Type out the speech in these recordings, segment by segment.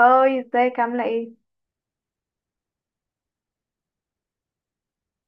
هاي، ازيك؟ عاملة ايه؟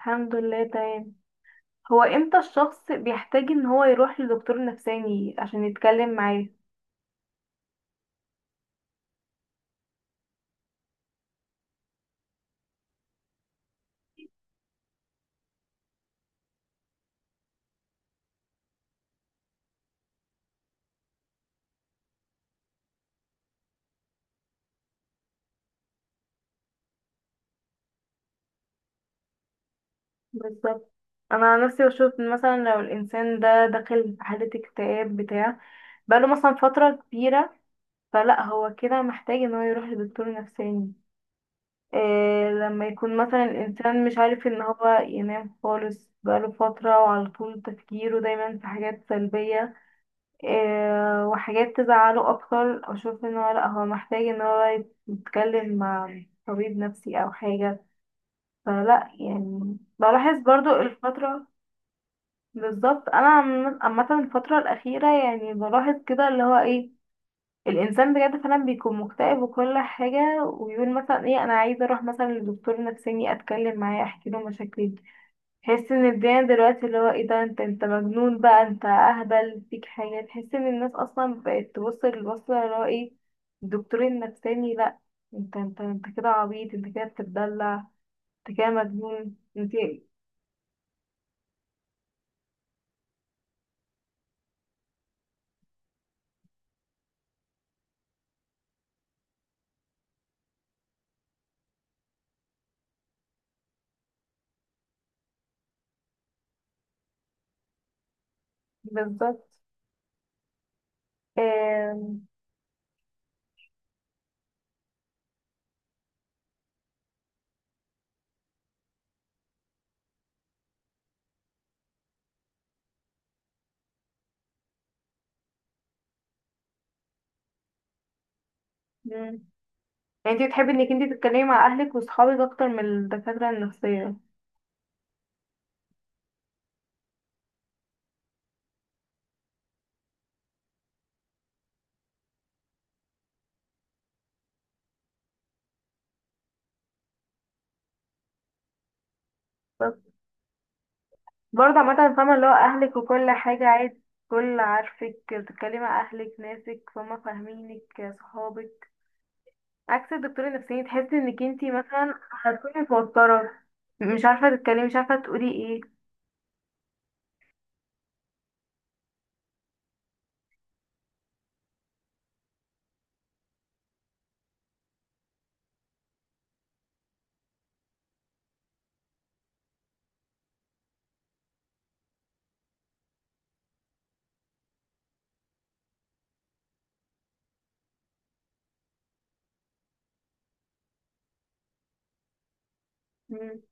الحمد لله تمام. هو امتى الشخص بيحتاج ان هو يروح لدكتور نفساني عشان يتكلم معاه؟ بالظبط. انا عن نفسي بشوف إن مثلا لو الانسان ده داخل في حالة اكتئاب بتاع بقاله مثلا فترة كبيرة، فلا هو كده محتاج ان هو يروح لدكتور نفساني. إيه لما يكون مثلا الانسان مش عارف ان هو ينام خالص بقاله فترة وعلى طول تفكيره دايما في حاجات سلبية، وحاجات تزعله اكتر، اشوف ان هو لا هو محتاج ان هو يتكلم مع طبيب نفسي او حاجة. فلا يعني بلاحظ برضو الفترة. بالظبط. عامة الفترة الاخيرة يعني بلاحظ كده اللي هو ايه، الانسان بجد فعلا بيكون مكتئب وكل حاجة، ويقول مثلا ايه انا عايزة اروح مثلا لدكتور نفساني اتكلم معاه احكي له مشاكلي. تحس ان الدنيا دلوقتي اللي هو ايه ده، انت انت مجنون بقى، انت اهبل، فيك حاجة. تحس ان الناس اصلا بقت تبص للبص اللي هو ايه الدكتور النفساني، لا انت انت انت كده عبيط، انت كده بتتدلع، انت كده مجنون انت. بالظبط. آم، مم. يعني انت بتحبي انك انت تتكلمي مع اهلك وصحابك اكتر من الدكاترة النفسية؟ بس برضه عامة فاهمة، اللي هو اهلك وكل حاجة عادي، كل عارفك، بتتكلمي مع اهلك، ناسك فهم فاهمينك، صحابك، عكس الدكتور النفساني تحس انك انتي مثلا هتكوني متوترة، مش عارفة تتكلمي، مش عارفة تقولي ايه. مم.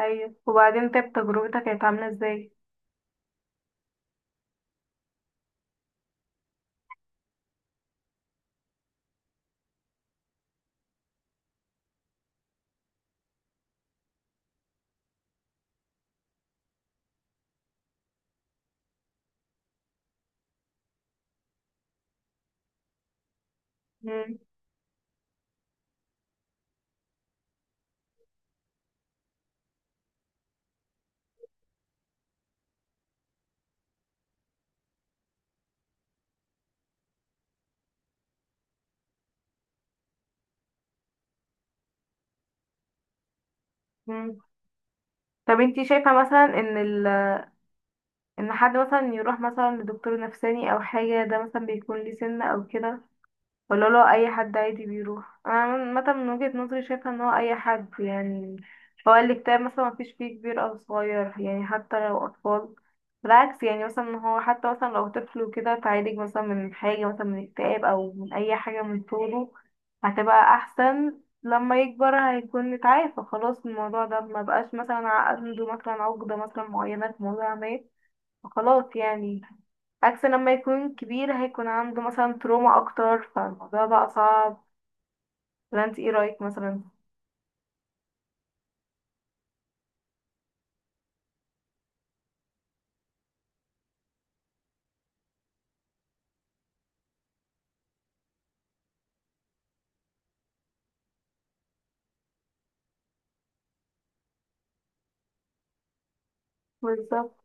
ايوه، وبعدين طيب تجربتك كانت عاملة ازاي؟ مم. مم. طب انتي شايفة مثلا ان حد مثلا يروح مثلا لدكتور نفساني او حاجة، ده مثلا بيكون ليه سن او كده؟ ولا لو اي حد عادي بيروح؟ انا عامة من وجهة نظري شايفة ان هو اي حد يعني، هو الاكتئاب مثلا مفيش فيه كبير او صغير، يعني حتى لو اطفال، بالعكس، يعني مثلا إن هو حتى مثلا لو طفل وكده تعالج مثلا من حاجة، مثلا من اكتئاب او من اي حاجة، من طوله هتبقى احسن، لما يكبر هيكون اتعافى خلاص من الموضوع ده، ما بقاش مثلا عنده مثلا عقدة مثلا معينة في موضوع ما، خلاص يعني. عكس لما يكون كبير هيكون عنده مثلا تروما اكتر فالموضوع بقى صعب. ولا انت ايه رايك مثلا؟ بالظبط.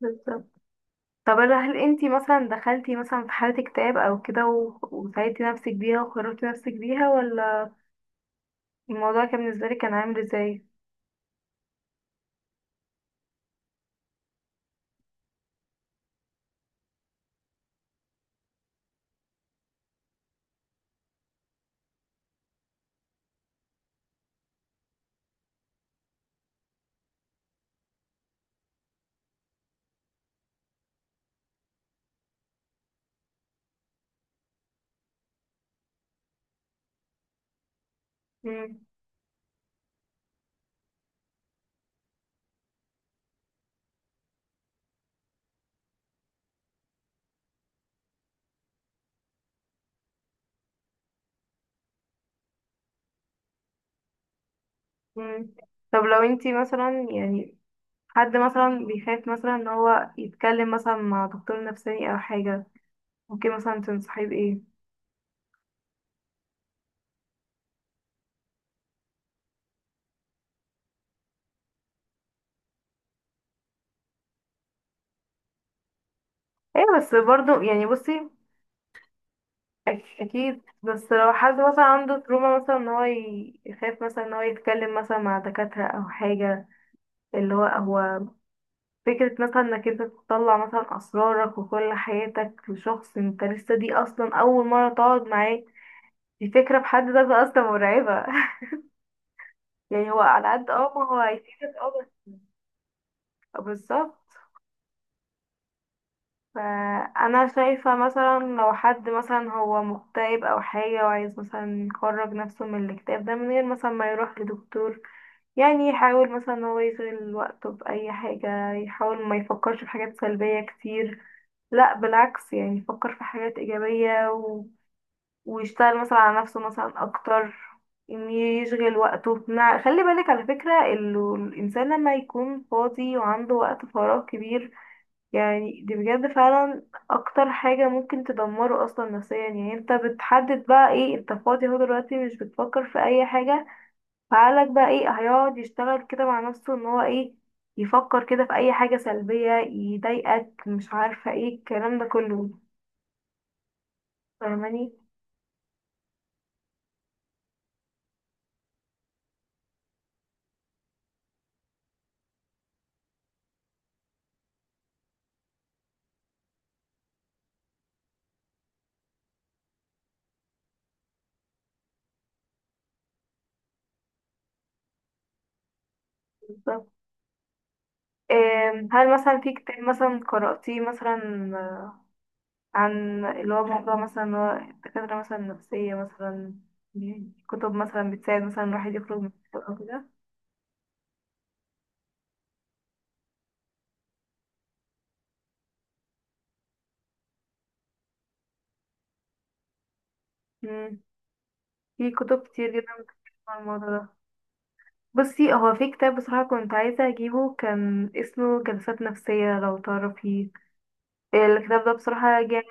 بالظبط. طب هل انت مثلا دخلتي مثلا في حالة اكتئاب او كده، وساعدتي نفسك بيها وخرجتي نفسك بيها، ولا الموضوع كان بالنسبة لك كان عامل ازاي؟ مم. مم. طب لو انت مثلا يعني حد مثلا بيخاف مثلا ان هو يتكلم مثلا مع دكتور نفساني او حاجة، ممكن مثلا تنصحيه بايه؟ ايه، بس برضو يعني بصي، اكيد، بس لو حد مثلا عنده تروما مثلا ان هو يخاف مثلا ان هو يتكلم مثلا مع دكاترة او حاجة، اللي هو هو فكرة مثلا انك انت تطلع مثلا اسرارك وكل حياتك لشخص انت لسه دي اصلا اول مرة تقعد معاه، دي فكرة بحد ذاتها اصلا مرعبة. يعني هو على قد اه ما هو هيفيدك اه بس. بالظبط. فانا شايفة مثلا لو حد مثلا هو مكتئب او حاجة وعايز مثلا يخرج نفسه من الاكتئاب ده من غير مثلا ما يروح لدكتور، يعني يحاول مثلا ان هو يشغل وقته بأي حاجة، يحاول ما يفكرش في حاجات سلبية كتير، لا بالعكس يعني يفكر في حاجات إيجابية ويشتغل مثلا على نفسه مثلا أكتر. إن يشغل وقته، خلي بالك على فكرة إنه الإنسان لما يكون فاضي وعنده وقت فراغ كبير، يعني دي بجد فعلا أكتر حاجة ممكن تدمره أصلا نفسيا. يعني أنت بتحدد بقى إيه، أنت فاضي أهو دلوقتي مش بتفكر في أي حاجة، فقالك بقى ايه، هيقعد يشتغل كده مع نفسه ان هو ايه، يفكر كده في اي حاجة سلبية يضايقك، مش عارفة ايه الكلام ده كله. فاهماني؟ بالظبط. هل مثلا في كتاب مثلا قرأتيه مثلا عن اللي هو موضوع مثلا اللي هو الدكاترة مثلا النفسية مثلا، دي كتب مثلا بتساعد مثلا الواحد يخرج من الاكتئاب أو كده؟ مم. في كتب كتير جدا بتتكلم عن الموضوع ده. بصي، هو في كتاب بصراحة كنت عايزة أجيبه، كان اسمه جلسات نفسية، لو تعرفيه. الكتاب ده بصراحة جه،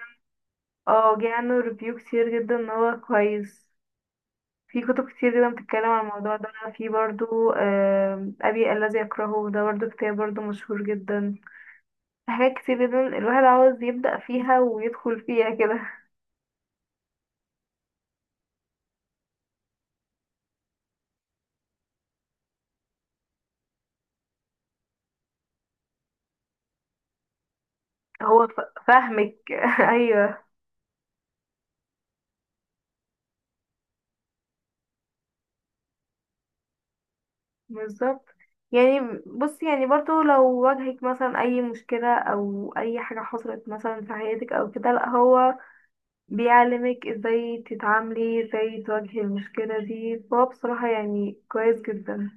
اه جه عنه ريفيو كتير جدا ان هو كويس. في كتب كتير جدا بتتكلم عن الموضوع ده. في برضو أبي الذي يكرهه، ده برضو كتاب برضو مشهور جدا. في حاجات كتير جدا الواحد عاوز يبدأ فيها ويدخل فيها كده. هو فاهمك. أيوه، بالظبط. يعني بص، يعني برضو لو واجهك مثلا أي مشكلة أو أي حاجة حصلت مثلا في حياتك أو كده، لأ هو بيعلمك ازاي تتعاملي، ازاي تواجهي المشكلة دي، فهو بصراحة يعني كويس جدا.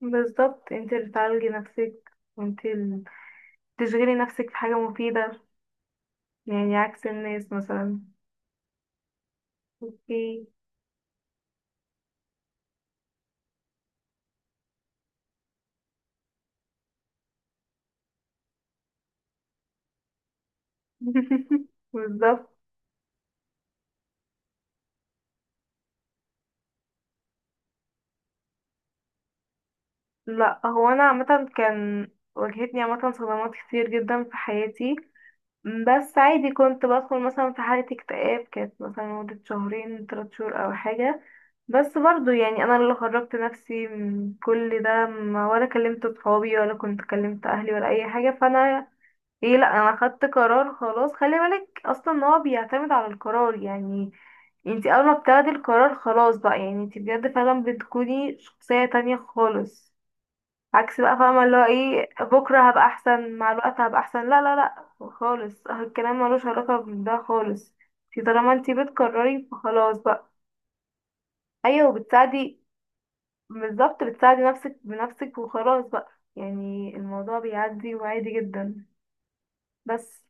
بالظبط، انت اللي تعالجي نفسك وانت اللي تشغلي نفسك في حاجة مفيدة، يعني عكس الناس مثلا. اوكي. بالظبط. لا هو انا عامة كان واجهتني عامة صدمات كتير جدا في حياتي، بس عادي كنت بدخل مثلا في حالة اكتئاب، كانت مثلا لمدة شهرين تلات شهور أو حاجة، بس برضو يعني أنا اللي خرجت نفسي من كل ده، ما ولا كلمت صحابي ولا كنت كلمت أهلي ولا أي حاجة. فأنا ايه، لأ أنا خدت قرار خلاص. خلي بالك أصلا إن هو بيعتمد على القرار، يعني انتي أول ما بتاخدي القرار خلاص بقى، يعني انتي بجد فعلا بتكوني شخصية تانية خالص. عكس بقى، فاهمة اللي هو ايه، بكرة هبقى احسن، مع الوقت هبقى احسن، لا لا لا خالص، الكلام ملوش علاقة بده خالص. انتي طالما انتي بتكرري فخلاص بقى. ايوه، وبتساعدي، بالظبط، بتساعدي نفسك بنفسك وخلاص بقى، يعني الموضوع بيعدي وعادي جدا. بس.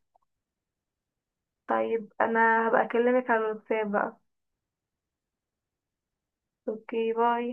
طيب انا هبقى اكلمك على الواتساب بقى. اوكي، باي.